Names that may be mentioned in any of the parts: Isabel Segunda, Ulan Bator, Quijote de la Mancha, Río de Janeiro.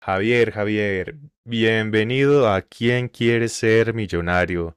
Javier, Javier, bienvenido a ¿Quién quiere ser millonario?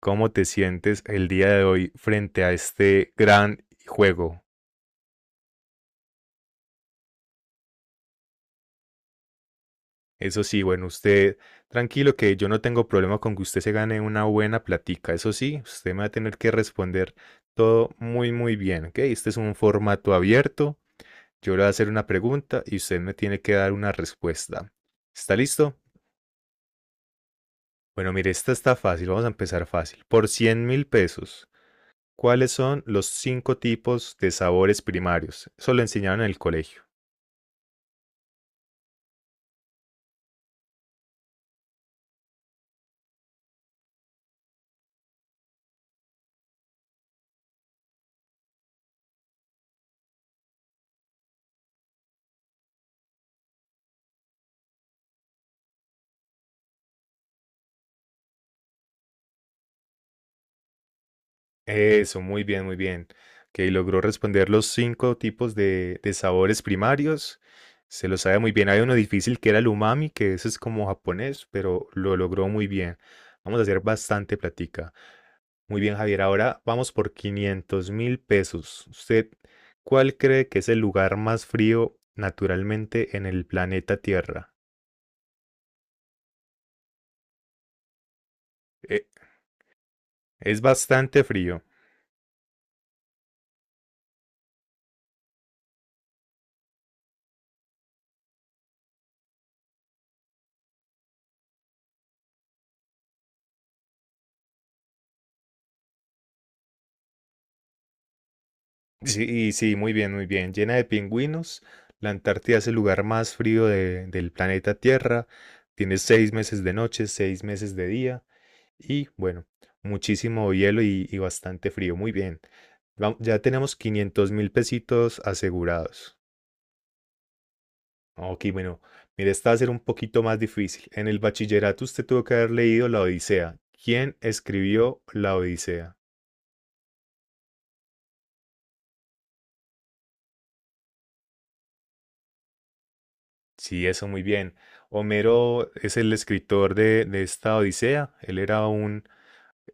¿Cómo te sientes el día de hoy frente a este gran juego? Eso sí, bueno, usted tranquilo que yo no tengo problema con que usted se gane una buena platica. Eso sí, usted me va a tener que responder todo muy, muy bien, ¿ok? Este es un formato abierto. Yo le voy a hacer una pregunta y usted me tiene que dar una respuesta. ¿Está listo? Bueno, mire, esta está fácil. Vamos a empezar fácil. Por 100.000 pesos. ¿Cuáles son los cinco tipos de sabores primarios? Eso lo enseñaron en el colegio. Eso, muy bien, muy bien. Ok, logró responder los cinco tipos de sabores primarios. Se lo sabe muy bien. Hay uno difícil que era el umami, que ese es como japonés, pero lo logró muy bien. Vamos a hacer bastante plática. Muy bien, Javier. Ahora vamos por 500 mil pesos. ¿Usted cuál cree que es el lugar más frío naturalmente en el planeta Tierra? Eh, es bastante frío. Sí, sí, muy bien, muy bien. Llena de pingüinos. La Antártida es el lugar más frío del planeta Tierra. Tiene seis meses de noche, seis meses de día y bueno, muchísimo hielo y bastante frío. Muy bien. Ya tenemos 500.000 pesitos asegurados. Ok, bueno, mire, esta va a ser un poquito más difícil. En el bachillerato usted tuvo que haber leído La Odisea. ¿Quién escribió La Odisea? Sí, eso muy bien. Homero es el escritor de esta Odisea. Él era un,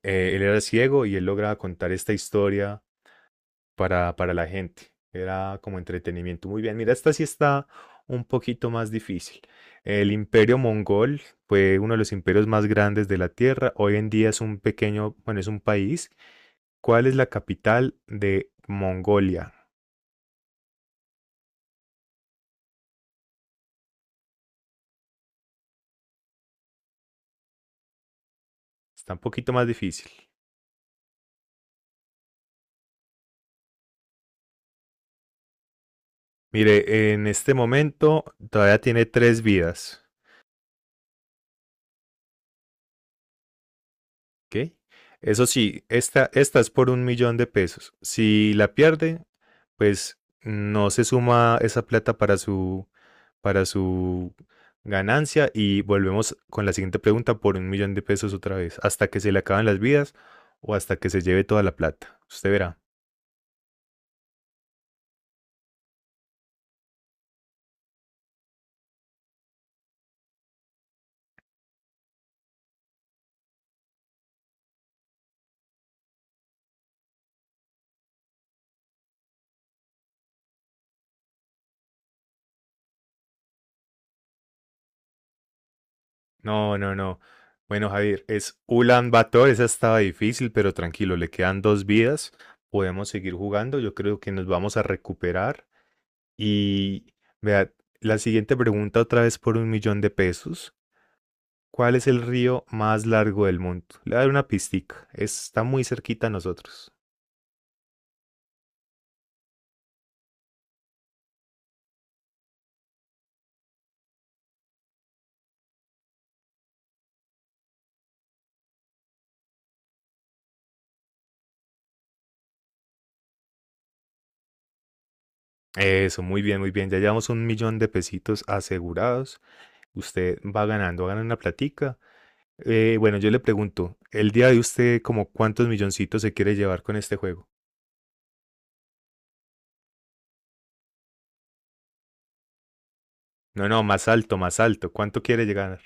eh, él era ciego y él lograba contar esta historia para la gente. Era como entretenimiento. Muy bien. Mira, esta sí está un poquito más difícil. El imperio mongol fue uno de los imperios más grandes de la Tierra. Hoy en día es un pequeño, bueno, es un país. ¿Cuál es la capital de Mongolia? Está un poquito más difícil. Mire, en este momento todavía tiene tres vidas. Ok. Eso sí, esta es por un millón de pesos. Si la pierde, pues no se suma esa plata para su ganancia y volvemos con la siguiente pregunta por un millón de pesos otra vez, hasta que se le acaben las vidas o hasta que se lleve toda la plata. Usted verá. No, no, no. Bueno, Javier, es Ulan Bator, esa estaba difícil, pero tranquilo, le quedan dos vidas. Podemos seguir jugando, yo creo que nos vamos a recuperar. Y vea, la siguiente pregunta otra vez por un millón de pesos. ¿Cuál es el río más largo del mundo? Le voy a dar una pistica. Está muy cerquita a nosotros. Eso, muy bien, muy bien. Ya llevamos un millón de pesitos asegurados. Usted va ganando, gana una platica. Bueno, yo le pregunto, el día de usted, ¿como cuántos milloncitos se quiere llevar con este juego? No, no, más alto, más alto. ¿Cuánto quiere llegar?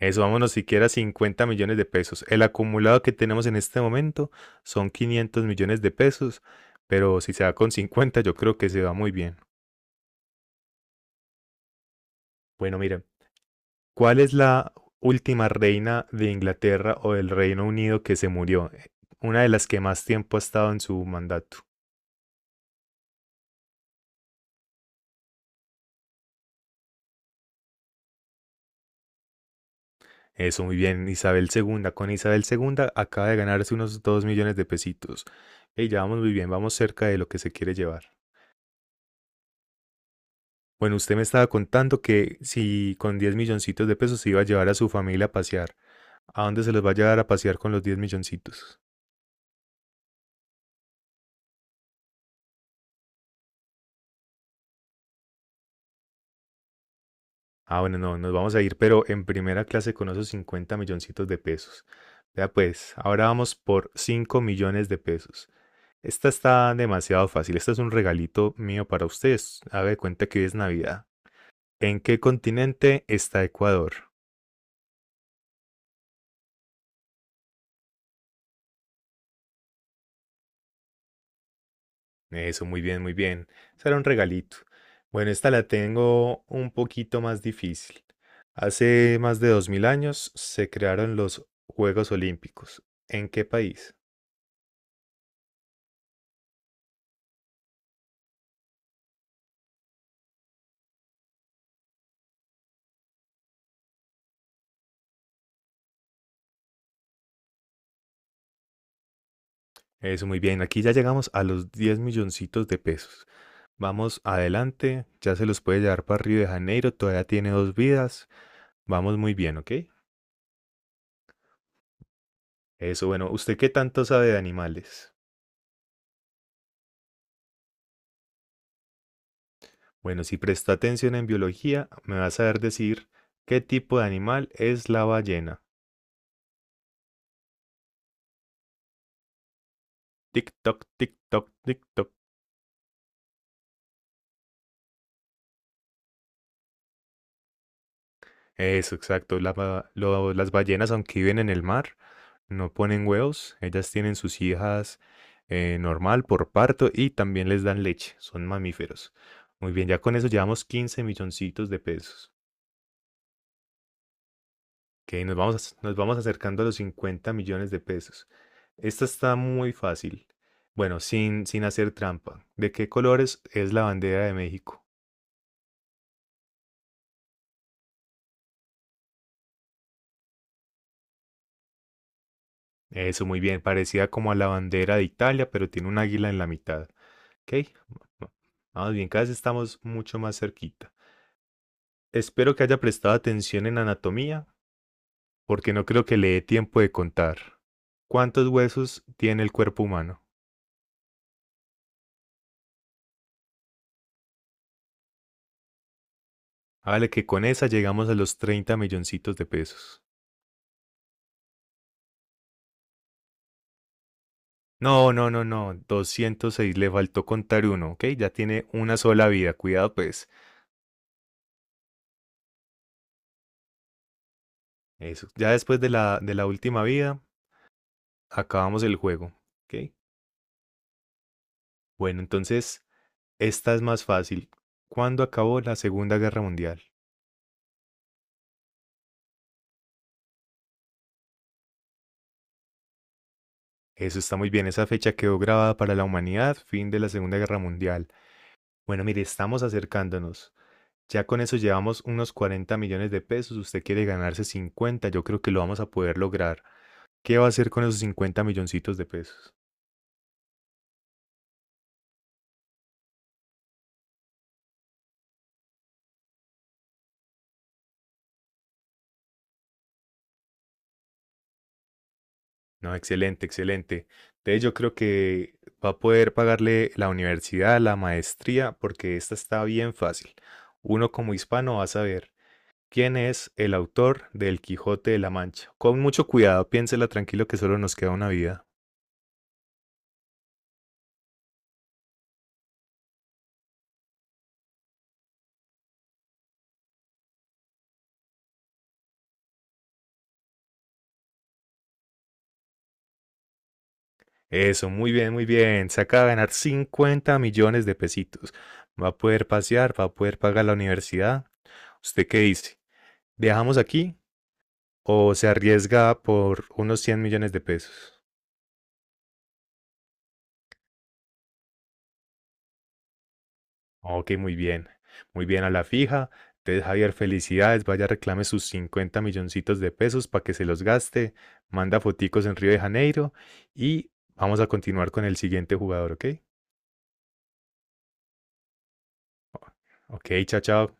Eso, vámonos siquiera a 50 millones de pesos. El acumulado que tenemos en este momento son 500 millones de pesos, pero si se va con 50 yo creo que se va muy bien. Bueno, miren, ¿cuál es la última reina de Inglaterra o del Reino Unido que se murió? Una de las que más tiempo ha estado en su mandato. Eso, muy bien, Isabel segunda. Con Isabel segunda acaba de ganarse unos 2 millones de pesitos. Y ya vamos muy bien, vamos cerca de lo que se quiere llevar. Bueno, usted me estaba contando que si con 10 milloncitos de pesos se iba a llevar a su familia a pasear, ¿a dónde se los va a llevar a pasear con los 10 milloncitos? Ah, bueno, no, nos vamos a ir, pero en primera clase con esos 50 milloncitos de pesos. Vea pues, ahora vamos por 5 millones de pesos. Esta está demasiado fácil, esta es un regalito mío para ustedes. Haga de cuenta que hoy es Navidad. ¿En qué continente está Ecuador? Eso, muy bien, muy bien. Será un regalito. Bueno, esta la tengo un poquito más difícil. Hace más de 2.000 años se crearon los Juegos Olímpicos. ¿En qué país? Eso, muy bien. Aquí ya llegamos a los 10 milloncitos de pesos. Vamos adelante. Ya se los puede llevar para Río de Janeiro. Todavía tiene dos vidas. Vamos muy bien, ¿ok? Eso, bueno. ¿Usted qué tanto sabe de animales? Bueno, si presta atención en biología, me va a saber decir qué tipo de animal es la ballena. Tic-toc, tic-toc, tic-toc. Eso, exacto. Las ballenas, aunque viven en el mar, no ponen huevos. Ellas tienen sus hijas normal por parto y también les dan leche. Son mamíferos. Muy bien, ya con eso llevamos 15 milloncitos de pesos. Que nos vamos, nos vamos acercando a los 50 millones de pesos. Esta está muy fácil. Bueno, sin hacer trampa. ¿De qué colores es la bandera de México? Eso, muy bien. Parecida como a la bandera de Italia, pero tiene un águila en la mitad. ¿Ok? Bueno, vamos bien, cada vez estamos mucho más cerquita. Espero que haya prestado atención en anatomía, porque no creo que le dé tiempo de contar. ¿Cuántos huesos tiene el cuerpo humano? Hágale que con esa llegamos a los 30 milloncitos de pesos. No, no, no, no. 206. Le faltó contar uno, ¿ok? Ya tiene una sola vida. Cuidado, pues. Eso. Ya después de la última vida, acabamos el juego, ¿ok? Bueno, entonces, esta es más fácil. ¿Cuándo acabó la Segunda Guerra Mundial? Eso está muy bien, esa fecha quedó grabada para la humanidad, fin de la Segunda Guerra Mundial. Bueno, mire, estamos acercándonos. Ya con eso llevamos unos 40 millones de pesos, usted quiere ganarse 50, yo creo que lo vamos a poder lograr. ¿Qué va a hacer con esos 50 milloncitos de pesos? No, excelente, excelente. De hecho, yo creo que va a poder pagarle la universidad, la maestría, porque esta está bien fácil. Uno como hispano va a saber. ¿Quién es el autor del Quijote de la Mancha? Con mucho cuidado, piénsela tranquilo que solo nos queda una vida. Eso, muy bien, muy bien. Se acaba de ganar 50 millones de pesitos. Va a poder pasear, va a poder pagar la universidad. ¿Usted qué dice? ¿Dejamos aquí o se arriesga por unos 100 millones de pesos? Ok, muy bien. Muy bien a la fija. Entonces, Javier, felicidades. Vaya, reclame sus 50 milloncitos de pesos para que se los gaste. Manda foticos en Río de Janeiro y vamos a continuar con el siguiente jugador, ¿ok? Ok, chao, chao.